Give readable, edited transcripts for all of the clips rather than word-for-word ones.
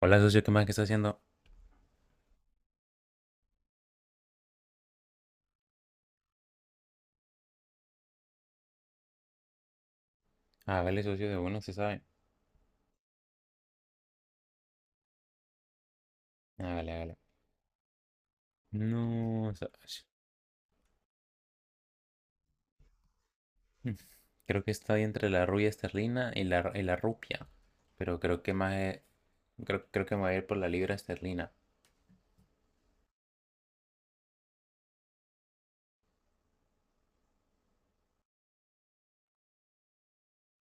Hola, socio, ¿qué más que está haciendo? Hágale, socio, de uno, se sabe. Hágale, hágale. No, socio. Mm. Creo que está ahí entre la rubia esterlina y la rupia. Pero creo que más creo que me voy a ir por la libra esterlina.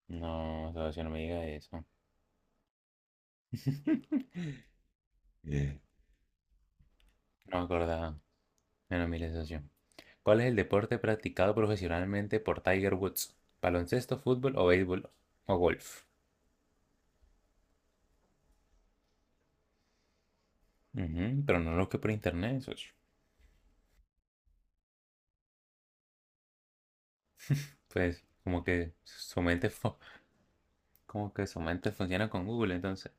No, socio, no me diga eso. Eh, No me acordaba. Bueno, mire, socio. ¿Cuál es el deporte practicado profesionalmente por Tiger Woods? ¿Baloncesto, fútbol, o béisbol o golf? Ujú, pero no lo que por internet, socio. Pues como que su mente fue. Como que su mente funciona con Google, entonces.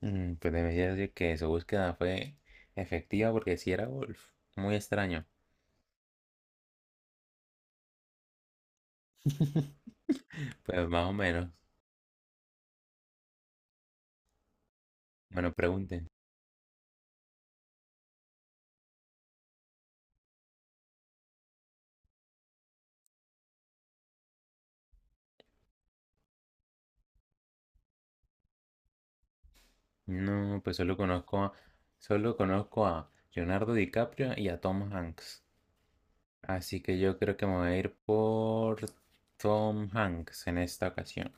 Mm, pues debería decir que su búsqueda fue efectiva, porque si era golf. Muy extraño. Pues más o menos. Bueno, pregunten. No, pues solo conozco a Leonardo DiCaprio y a Tom Hanks. Así que yo creo que me voy a ir por Tom Hanks en esta ocasión.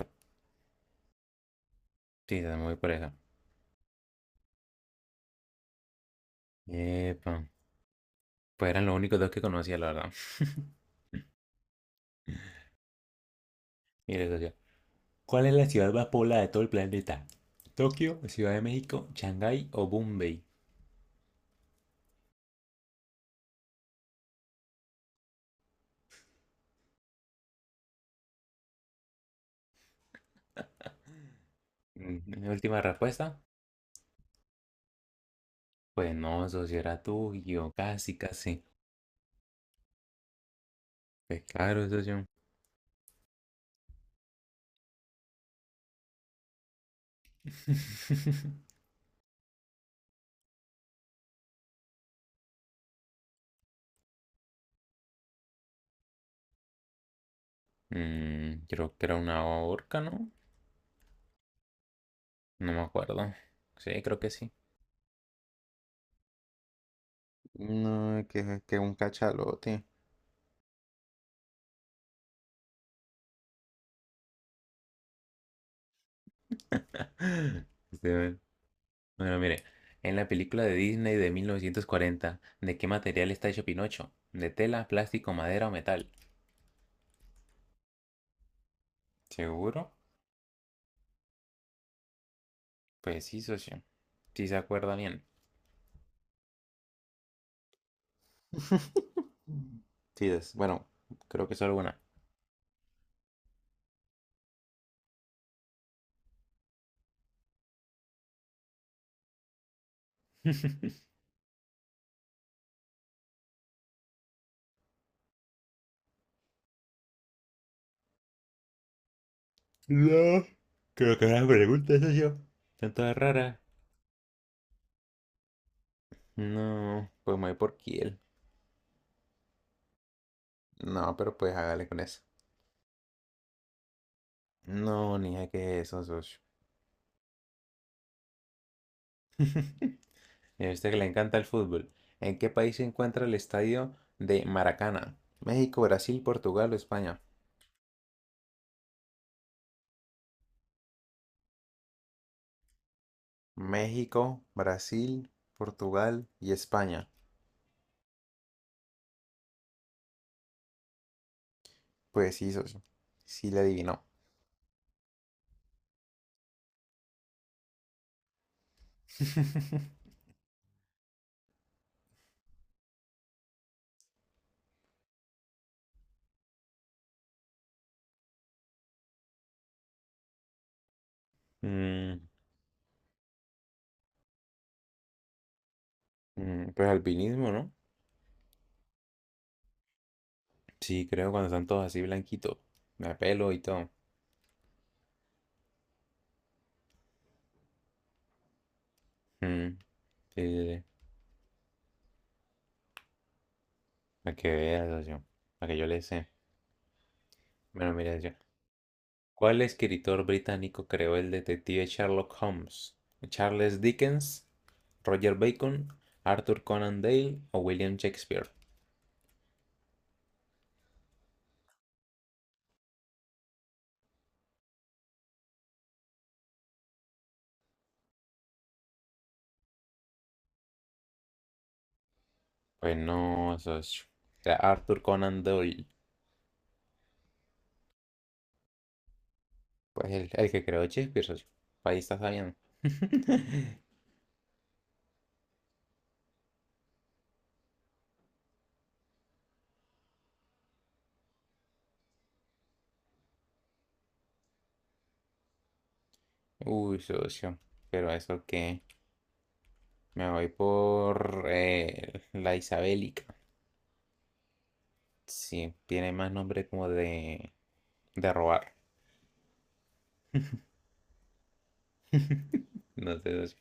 Sí, me voy por eso. Epa. Pues eran los únicos dos que conocía, la verdad. Y les decía, ¿cuál es la ciudad más poblada de todo el planeta? ¿Tokio, Ciudad de México, Shanghái o Bombay? Mm, mi última respuesta. Pues no, socio, era tuyo. Casi, casi. Pues claro, socio. Mm, creo que era una orca, ¿no? No me acuerdo. Sí, creo que sí. No, que un cachalote. Este, bueno, bueno, mire. En la película de Disney de 1940, ¿de qué material está hecho Pinocho? ¿De tela, plástico, madera o metal? ¿Seguro? Pues sí, socio. Sí se acuerda bien. Sí, bueno, creo que solo una. No, creo que una pregunta, socio. Son todas raras. No, pues me voy por Kiel. No, pero pues hágale con eso. No, ni idea qué es eso, socio. Y a usted que le encanta el fútbol. ¿En qué país se encuentra el estadio de Maracaná? ¿México, Brasil, Portugal o España? México, Brasil, Portugal y España. Pues sí, socio. Sí le adivinó. Mm, mm, pues alpinismo, ¿no? Sí, creo, cuando están todos así blanquitos. Me pelo y todo. Mm, sí, sí, sí. Para que veas, socio. Para que yo le sé. Bueno, mira, socio. ¿Cuál escritor británico creó el detective Sherlock Holmes? ¿Charles Dickens, Roger Bacon, Arthur Conan Doyle o William Shakespeare? Pues no, socio. Era Arthur Conan Doyle. Pues el que creó Shakespeare, socio. Ahí está sabiendo. Uy, socio, pero eso que me voy por la Isabélica. Sí, tiene más nombre como de robar. No sé, socio.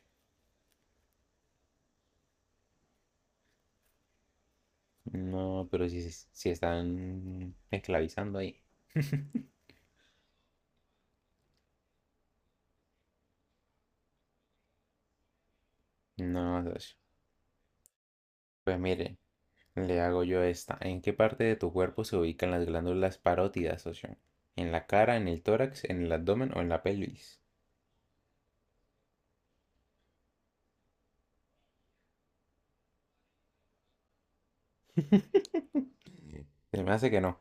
No, pero si están esclavizando ahí. No, socio. Pues mire, le hago yo esta. ¿En qué parte de tu cuerpo se ubican las glándulas parótidas, socio? ¿En la cara, en el tórax, en el abdomen o en la pelvis? Se me hace que no.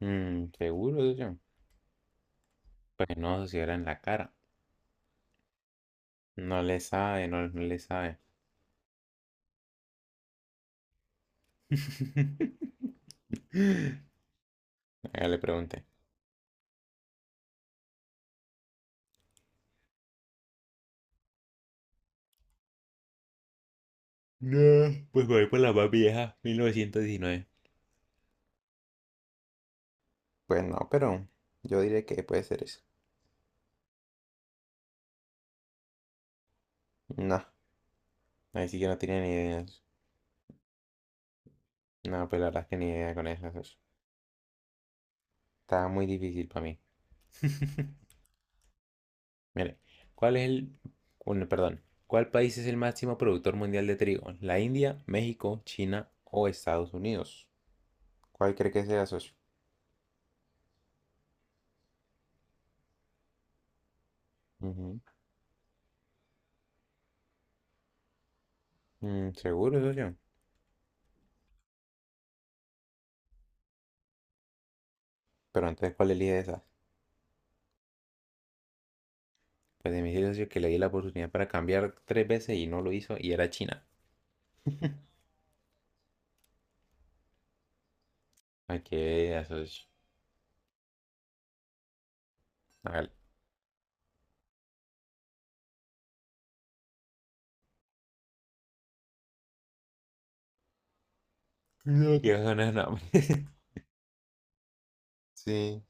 Mm, ¿seguro, socio? Pues no, socio, era en la cara. No le sabe, no, no le sabe. Acá le pregunté. No, pues voy por la más vieja, 1919. Pues no, pero yo diré que puede ser eso. No, ahí sí que no tiene ni idea. No, pues la verdad es que ni idea con eso. Eso está muy difícil para mí. Mire, ¿cuál es el... Bueno, perdón. ¿Cuál país es el máximo productor mundial de trigo? ¿La India, México, China o Estados Unidos? ¿Cuál cree que sea, socio? Ujú. Mm, ¿seguro, socio? Pero entonces, ¿cuál elige esa? Pues de mi socio, que le di la oportunidad para cambiar tres veces y no lo hizo, y era China. Ay, que eso es... Hágale. No quiero sonar nombres. Sí,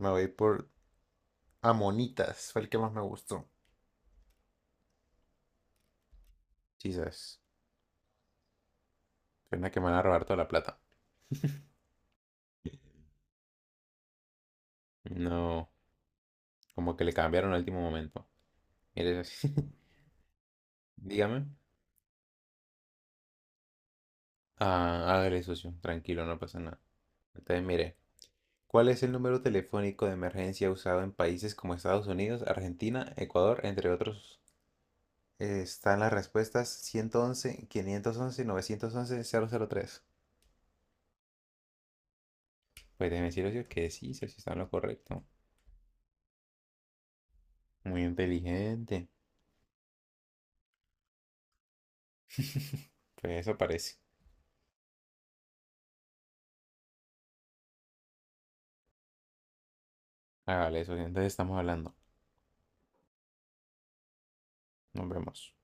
me voy por Amonitas, fue el que más me gustó. Jesus, pena que me van a robar toda la plata. No, como que le cambiaron al último momento. Mire, socio, dígame. Ah, hágale, socio. Tranquilo, no pasa nada. Entonces, mire, ¿cuál es el número telefónico de emergencia usado en países como Estados Unidos, Argentina, Ecuador, entre otros? Están las respuestas 111, 511, 911, 003. Pues déjeme decir, Ocio, que sí, Ocio, está en lo correcto. Muy inteligente. Pues eso parece. Hágale eso, entonces estamos hablando. Nos vemos.